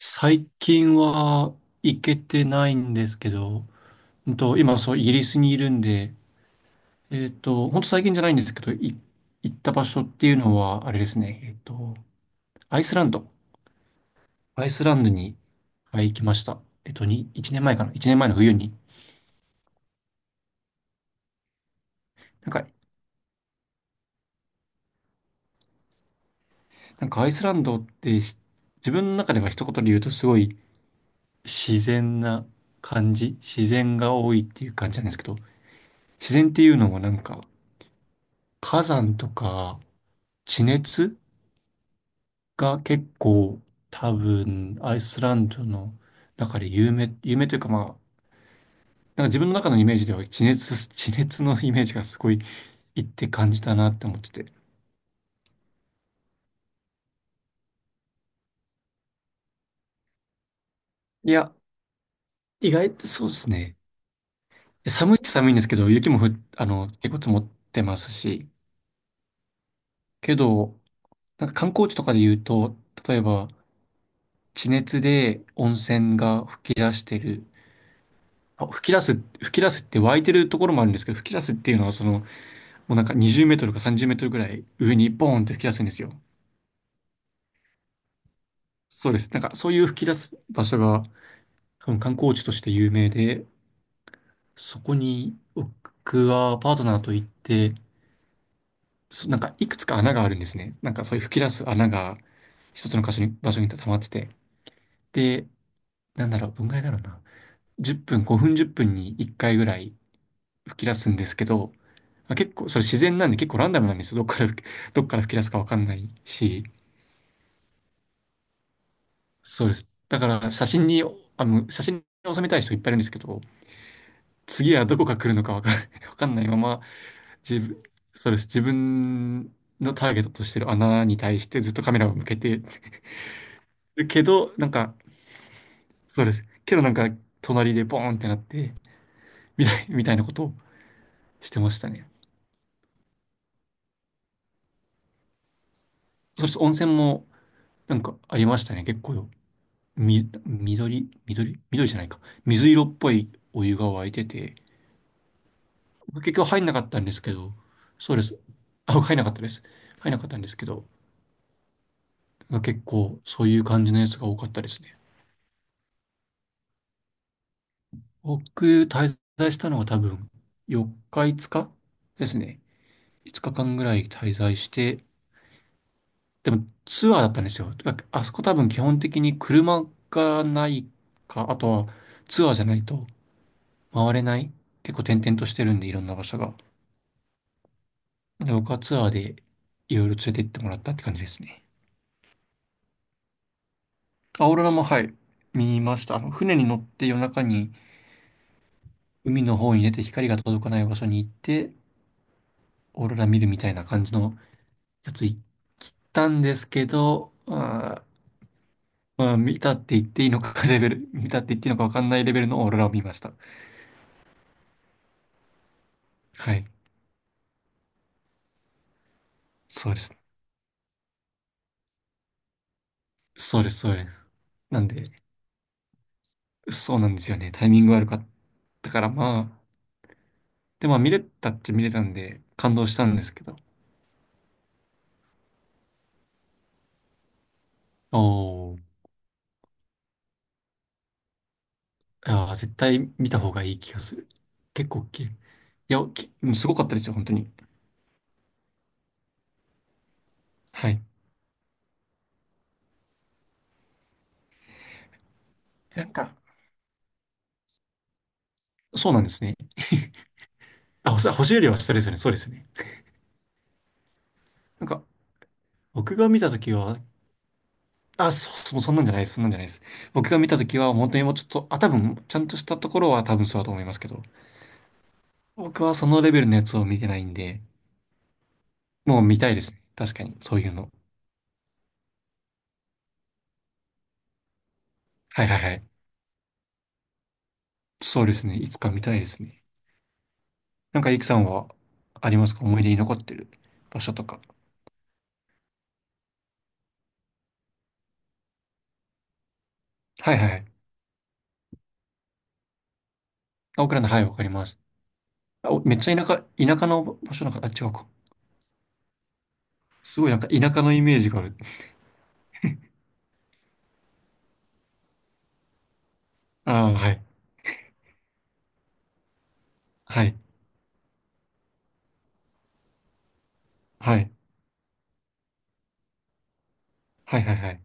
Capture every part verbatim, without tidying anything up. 最近は行けてないんですけど、うんと、今そう、イギリスにいるんで、えっと、ほんと最近じゃないんですけど、い行った場所っていうのは、あれですね、えっと、アイスランド。アイスランドに、はい、行きました。えっと、に、いちねんまえかな？ いち 年前の冬に。なんか、なんかアイスランドってひ、自分の中では一言で言うとすごい自然な感じ、自然が多いっていう感じなんですけど、自然っていうのもなんか、火山とか、地熱が結構多分アイスランドの中で有名、有名というかまあ、なんか自分の中のイメージでは地熱、地熱のイメージがすごいいって感じたなって思ってて。いや、意外とそうですね。寒いって寒いんですけど、雪もふっ、あの、結構積もってますし、けど、なんか観光地とかで言うと、例えば地熱で温泉が噴き出してる、あ、噴き出す、噴き出すって湧いてるところもあるんですけど、噴き出すっていうのはその、もうなんかにじゅうメートルかさんじゅうメートルぐらい上にボーンって吹き出すんですよ。そうです。なんかそういう吹き出す場所が多分観光地として有名で、そこに僕はパートナーと行って、そなんかいくつか穴があるんですね。なんかそういう吹き出す穴が一つの箇所に、場所に溜まってて。で、なんだろう、どんぐらいだろうな。じゅっぷん、ごふんじゅっぷんにいっかいぐらい吹き出すんですけど、まあ結構それ自然なんで結構ランダムなんですよ。どっから吹き、どっから吹き出すかわかんないし。そうです。だから写真に、あの、む写真に収めたい人いっぱいいるんですけど、次はどこが来るのかわかん、わかんないまま、自分、そうです。自分のターゲットとしてる穴に対してずっとカメラを向けてるけど、なんか、そうです。けどなんか、隣でボーンってなって、みたい、みたいなことをしてましたね。そうです。温泉もなんかありましたね。結構よ。み、緑、緑、緑じゃないか。水色っぽいお湯が沸いてて、結局入んなかったんですけど、そうです。あ、入んなかったです。入んなかったんですけど、まあ結構そういう感じのやつが多かったですね。僕、滞在したのは多分よっか、いつかですね。いつかかんぐらい滞在して、でもツアーだったんですよ。ああそこ多分基本的に車がないか、あとはツアーじゃないと回れない。結構転々としてるんで、いろんな場所が。で、僕はツアーでいろいろ連れて行ってもらったって感じですね。アオーロラも、はい、見ました。あの、船に乗って夜中に海の方に出て光が届かない場所に行って、オーロラ見るみたいな感じのやつ行ったんですけど、あーまあ、見たって言っていいのか レベル、見たって言っていいのかわかんないレベルのオーロラを見ました。はい。そうです。そうです、そうです。なんで、そうなんですよね。タイミング悪かったから、まあ、でもまあ見れたっちゃ見れたんで、感動したんですけど。おー。ああ、絶対見た方がいい気がする。結構大きい。いや、きうんすごかったですよ、本当に。はい。なんか、そうなんですね。あ、ほ星よりは下ですよね。そうですよね。なんか、僕が見たときは、あ、そう、そう、そんなんじゃないです。そんなんじゃないです。僕が見たときは、本当にもうちょっと、あ、多分、ちゃんとしたところは多分そうだと思いますけど、僕はそのレベルのやつを見てないんで、もう見たいですね。確かに、そういうの。はいはいはい。そうですね。いつか見たいですね。なんか、イクさんはありますか？思い出に残ってる場所とか。はいはいはい。あ、オクランド、はい、わかります。あ、おめっちゃ田舎、田舎の場所なんか、あ、違うか。すごいなんか田舎のイメージがある。ああ、はい。はい。はい。はい、はい、はい。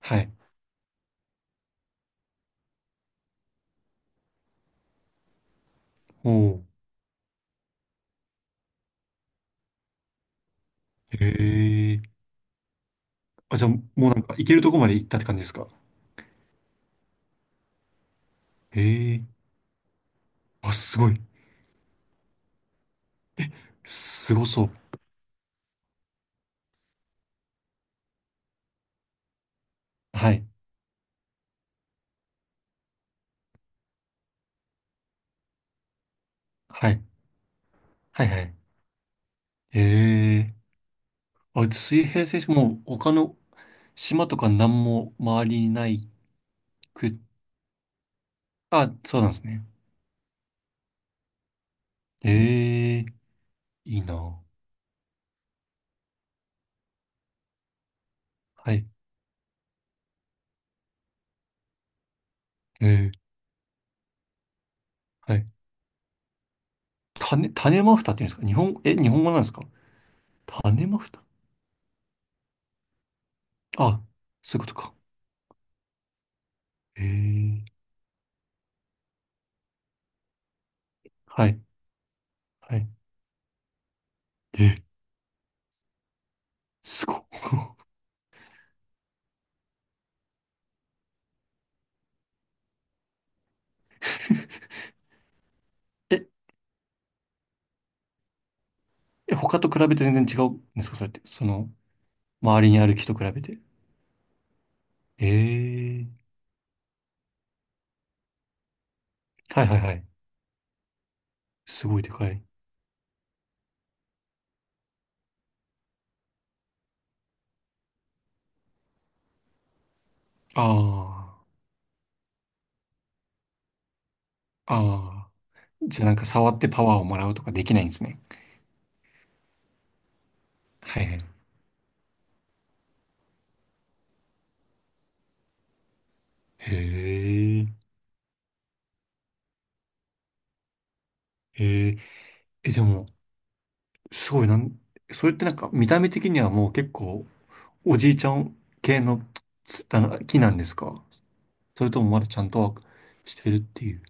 はい。おー。へえ。あ、じゃあ、もうなんか、行けるとこまで行ったって感じですか？へえ。あ、すごい。すごそう。はい。はい。はい、はい。へえ。あ、水平線もう他の島とか何も周りにないく、あ、そうなんですね。へえ。いいな。はい。へえ。はい。種、種マフタっていうんですか？日本、え、日本語なんですか？種マフタ、あ、そういうことか。へえ、はい、はい。え、すごっ。え、え他と比べて全然違うんですかそれって、その、周りにある木と比べて。ええ、はいはいはい。すごいでかい。ああ、ああ。じゃあなんか触ってパワーをもらうとかできないんですね。はいはい。へえ、へえ、え、でも、すごいなん、それってなんか見た目的にはもう結構おじいちゃん系のつあの木なんですか？それともまだちゃんとはしてるっていう。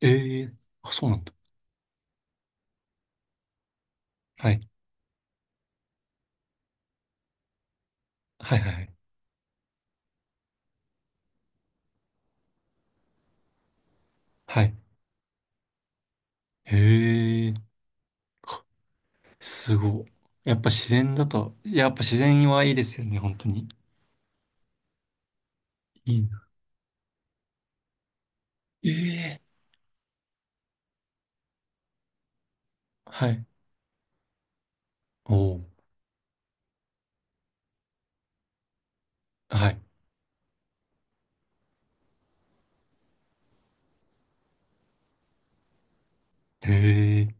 ええ、あ、そうなんだ。はい。はいはいはい。はい。へえ。あ、すごい。やっぱ自然だと、やっぱ自然はいいですよね、本当に。いいな。ええ。はい。おお。はい。へえ。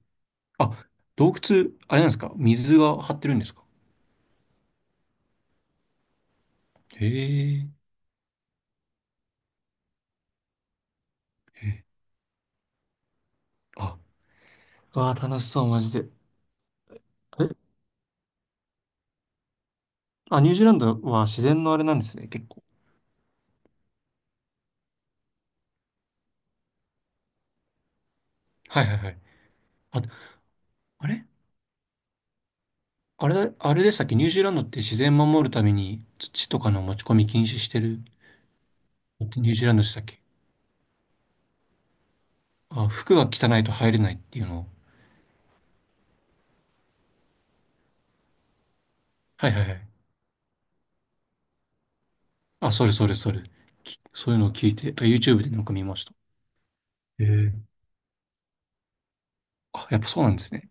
あ、洞窟、あれなんですか？水が張ってるんですか？へえ。へえ、あ、わあ、楽しそう、マジで。え、あ、ニュージーランドは自然のあれなんですね、結構。はいはいはい。あ、あれあれ、あれでしたっけ？ニュージーランドって自然守るために土とかの持ち込み禁止してる？ってニュージーランドでしたっけ？あ、服が汚いと入れないっていうのを。はいはいはい。あ、それそれそれ。きそういうのを聞いて、とか ユーチューブ でなんか見ました。ええ。あ、やっぱそうなんですね。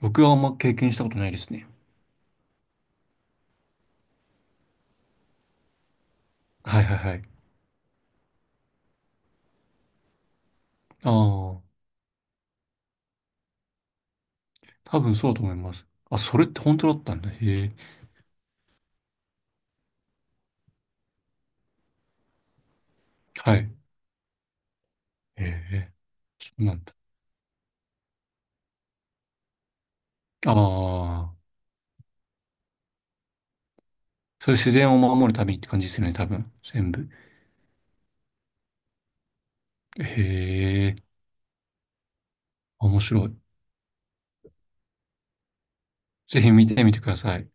僕はあんま経験したことないですね。はいはいはい。ああ、多分そうだと思います。あ、それって本当だったんだ。へえ。はい。へえ、そうなんだ。ああ、それ自然を守るためにって感じですよね、多分。全部。へえ。面白い。ぜひ見てみてください。